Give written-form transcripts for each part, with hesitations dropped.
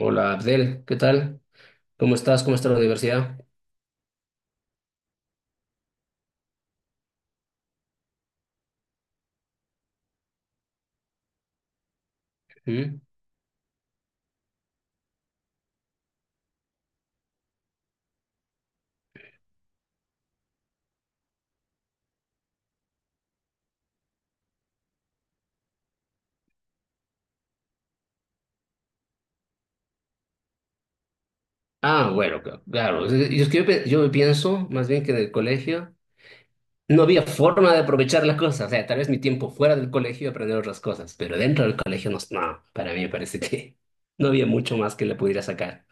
Hola Abdel, ¿qué tal? ¿Cómo estás? ¿Cómo está la universidad? ¿Mm? Ah, bueno, claro. Yo, es que yo, pe- Yo pienso más bien que en el colegio no había forma de aprovechar las cosas. O sea, tal vez mi tiempo fuera del colegio aprender otras cosas, pero dentro del colegio no, para mí me parece que no había mucho más que le pudiera sacar.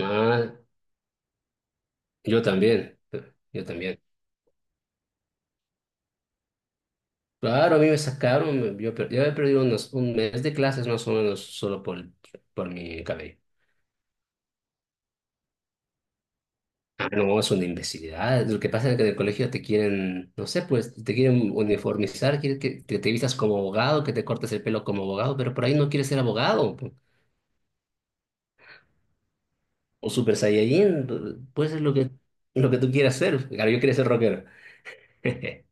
Ah, yo también, yo también. Claro, a mí me sacaron, yo he perdido un mes de clases más o menos solo por mi cabello. Ah, no, es una imbecilidad. Lo que pasa es que en el colegio te quieren, no sé, pues te quieren uniformizar, quieren que te, vistas como abogado, que te cortes el pelo como abogado, pero por ahí no quieres ser abogado po. O super saiyajin, pues es lo que tú quieras ser. Claro, yo quería ser rockero.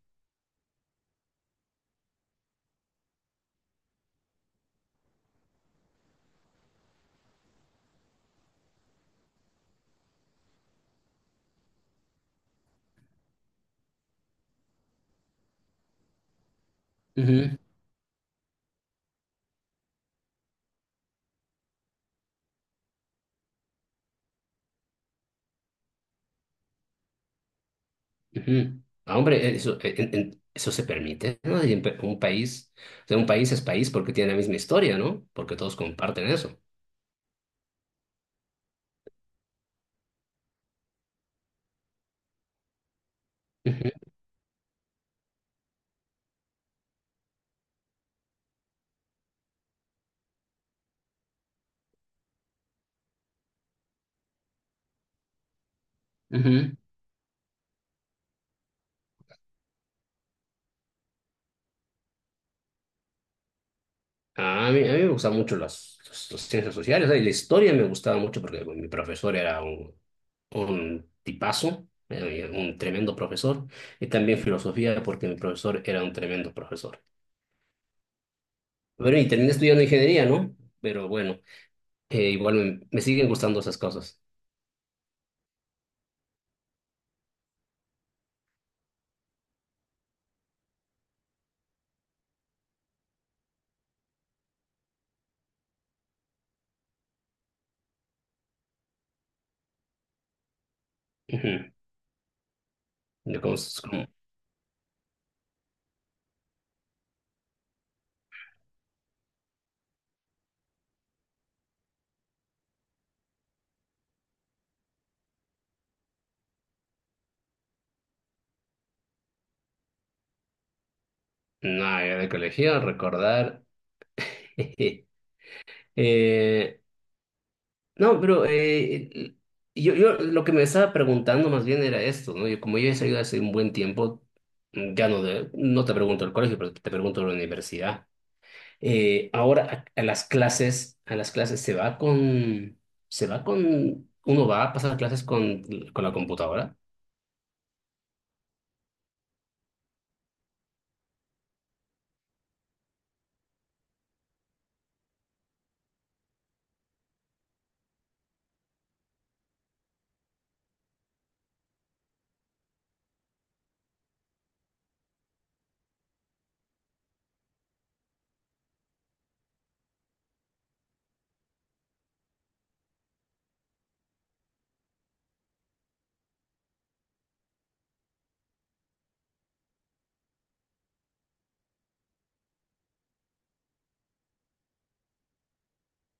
Ujú, ujú. Ah, hombre, eso, eso se permite, ¿no? Y un país, o sea, un país es país porque tiene la misma historia, ¿no? Porque todos comparten eso. Ujú, ujú. A mí me gustan mucho las ciencias sociales, ¿eh? Y la historia me gustaba mucho porque bueno, mi profesor era un tipazo, un tremendo profesor, y también filosofía porque mi profesor era un tremendo profesor. Bueno, y terminé estudiando ingeniería, ¿no? Pero bueno, igual me siguen gustando esas cosas. Ujú. De cosas como, nada, de colegio, recordar. Eh, No, pero yo lo que me estaba preguntando más bien era esto, ¿no? Yo, como yo he salido hace un buen tiempo, mm, no te pregunto el colegio, pero te pregunto la universidad. Ahora a las clases se va con, uno va a pasar clases con la computadora.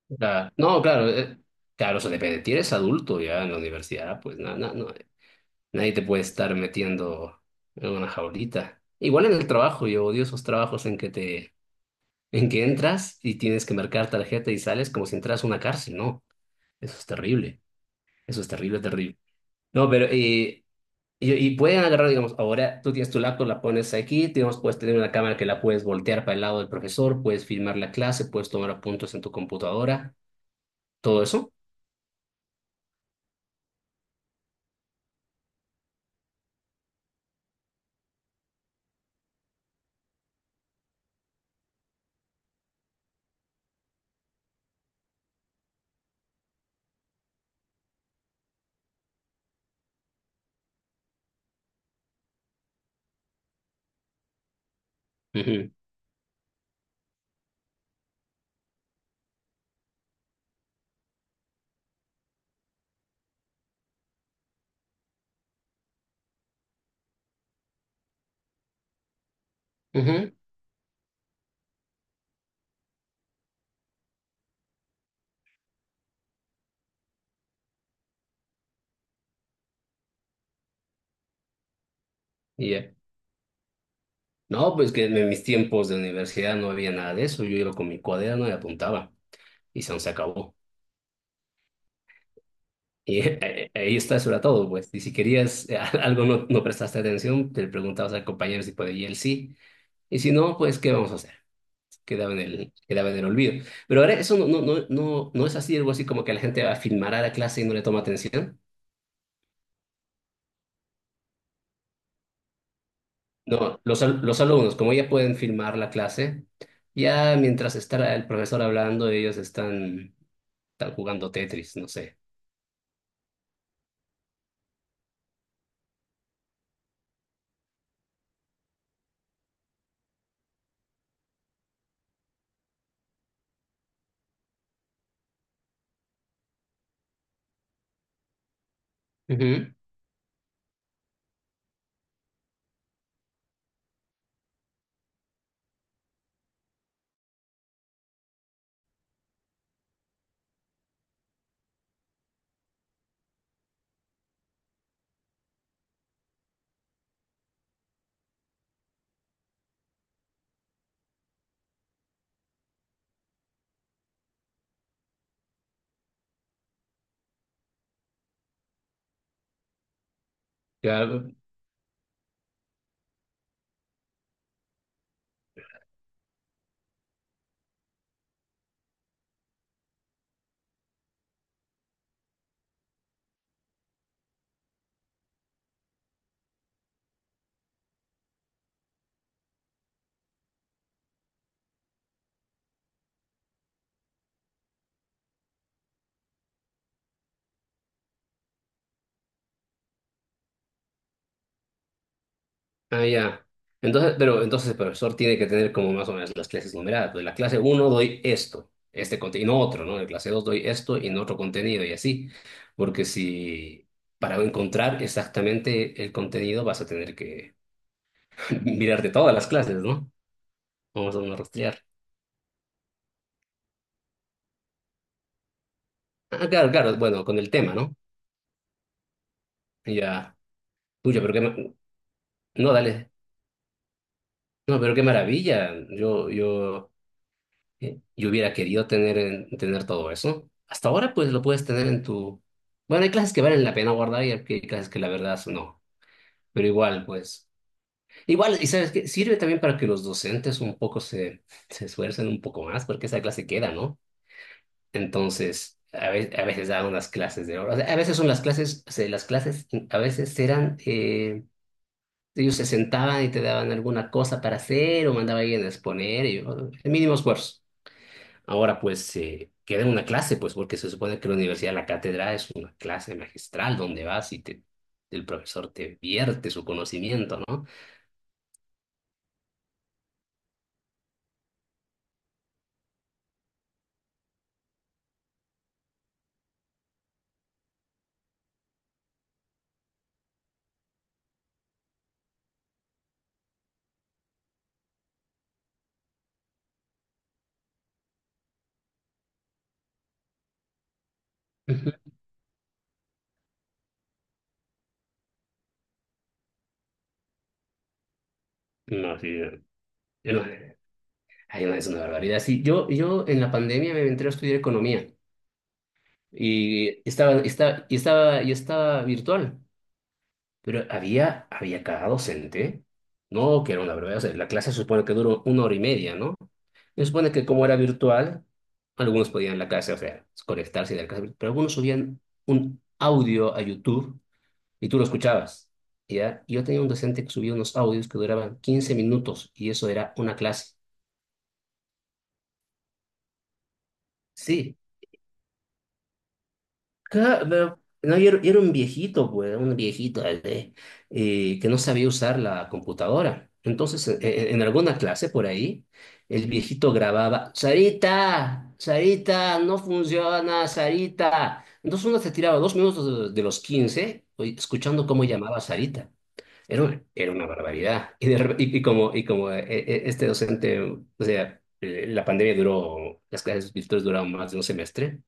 O sea, no, claro, claro, eso depende. Si eres adulto ya en la universidad, pues no, nadie te puede estar metiendo en una jaulita. Igual en el trabajo, yo odio esos trabajos en que entras y tienes que marcar tarjeta y sales como si entras a una cárcel. No, eso es terrible. Eso es terrible, terrible. No, pero y pueden agarrar, digamos, ahora tú tienes tu laptop, la pones aquí, digamos, puedes tener una cámara que la puedes voltear para el lado del profesor, puedes filmar la clase, puedes tomar apuntes en tu computadora, todo eso. Ujú, ujú, y ya. No, pues que en mis tiempos de universidad no había nada de eso. Yo iba con mi cuaderno y apuntaba y se acabó. Y ahí está, eso era todo, pues. Y si querías algo, no prestaste atención, te preguntabas al compañero si podía y él sí. Y si no, pues, ¿qué vamos a hacer? Quedaba en el olvido. Pero ahora eso no, no es así, algo así como que la gente va a filmar a la clase y no le toma atención. No, los alumnos, como ya pueden filmar la clase, ya mientras está el profesor hablando, están jugando Tetris, no sé. Ujú. Ya, ah, ya. Entonces, pero entonces el profesor tiene que tener como más o menos las clases numeradas. Pues en la clase uno doy esto, este contenido, no otro, ¿no? En la clase 2 doy esto y no otro contenido y así. Porque si para encontrar exactamente el contenido vas a tener que mirarte todas las clases, ¿no? Vamos a no rastrear. Ah, ah, claro, claro, bueno, con el tema, ¿no? Ya. Tuyo, pero qué... ma- no, dale. No, pero qué maravilla. Yo... Yo hubiera querido tener todo eso. Hasta ahora, pues lo puedes tener en tu. Bueno, hay clases que valen la pena guardar y hay clases que la verdad no. Pero igual, pues. Igual, y sabes qué, sirve también para que los docentes un poco se esfuercen un poco más, porque esa clase queda, ¿no? Entonces, a veces dan unas clases de horas. A veces son las clases, o sea, las clases a veces eran. Eh, ellos se sentaban y te daban alguna cosa para hacer o mandaba a alguien a exponer, y, el mínimo esfuerzo. Ahora pues queda una clase, pues porque se supone que la universidad, la cátedra es una clase magistral donde vas y te, el profesor te vierte su conocimiento, ¿no? Ujú. No, sí, yo no- ay, no, es una barbaridad. Sí, yo en la pandemia me entré a estudiar economía y y estaba virtual. Pero había, había cada docente, no, que era una verdad, o sea, la clase se supone que duró una hora y media, ¿no? Se supone que como era virtual, algunos podían en la clase, o sea, conectarse de la clase, pero algunos subían un audio a YouTube y tú lo escuchabas, ¿ya? Y yo tenía un docente que subía unos audios que duraban 15 minutos y eso era una clase. Sí, claro, pero no, yo era un viejito, pues, un viejito que no sabía usar la computadora. Entonces, en alguna clase por ahí, el viejito grababa, Sarita, Sarita, no funciona, Sarita. Entonces uno se tiraba 2 minutos de los 15 escuchando cómo llamaba a Sarita. Era una barbaridad. Y, de rep- y como este docente, o sea, la pandemia duró, las clases virtuales duraron más de un semestre.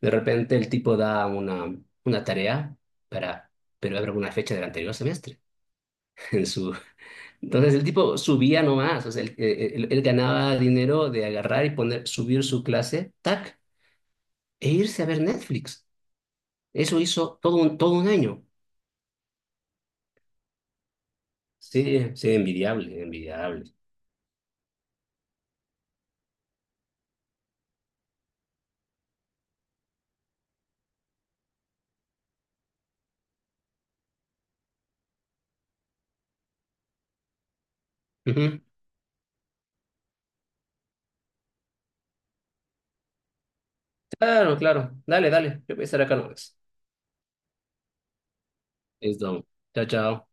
De repente el tipo da una tarea para, pero habrá una fecha del anterior semestre. En su, entonces el tipo subía nomás, o sea, él ganaba dinero de agarrar y poner, subir su clase, tac, e irse a ver Netflix. Eso hizo todo un año. Sí, sí, envidiable, envidiable. Ujú. Claro, claro. Dale, dale. Yo voy a estar acá nomás. Listo. Chao, chao.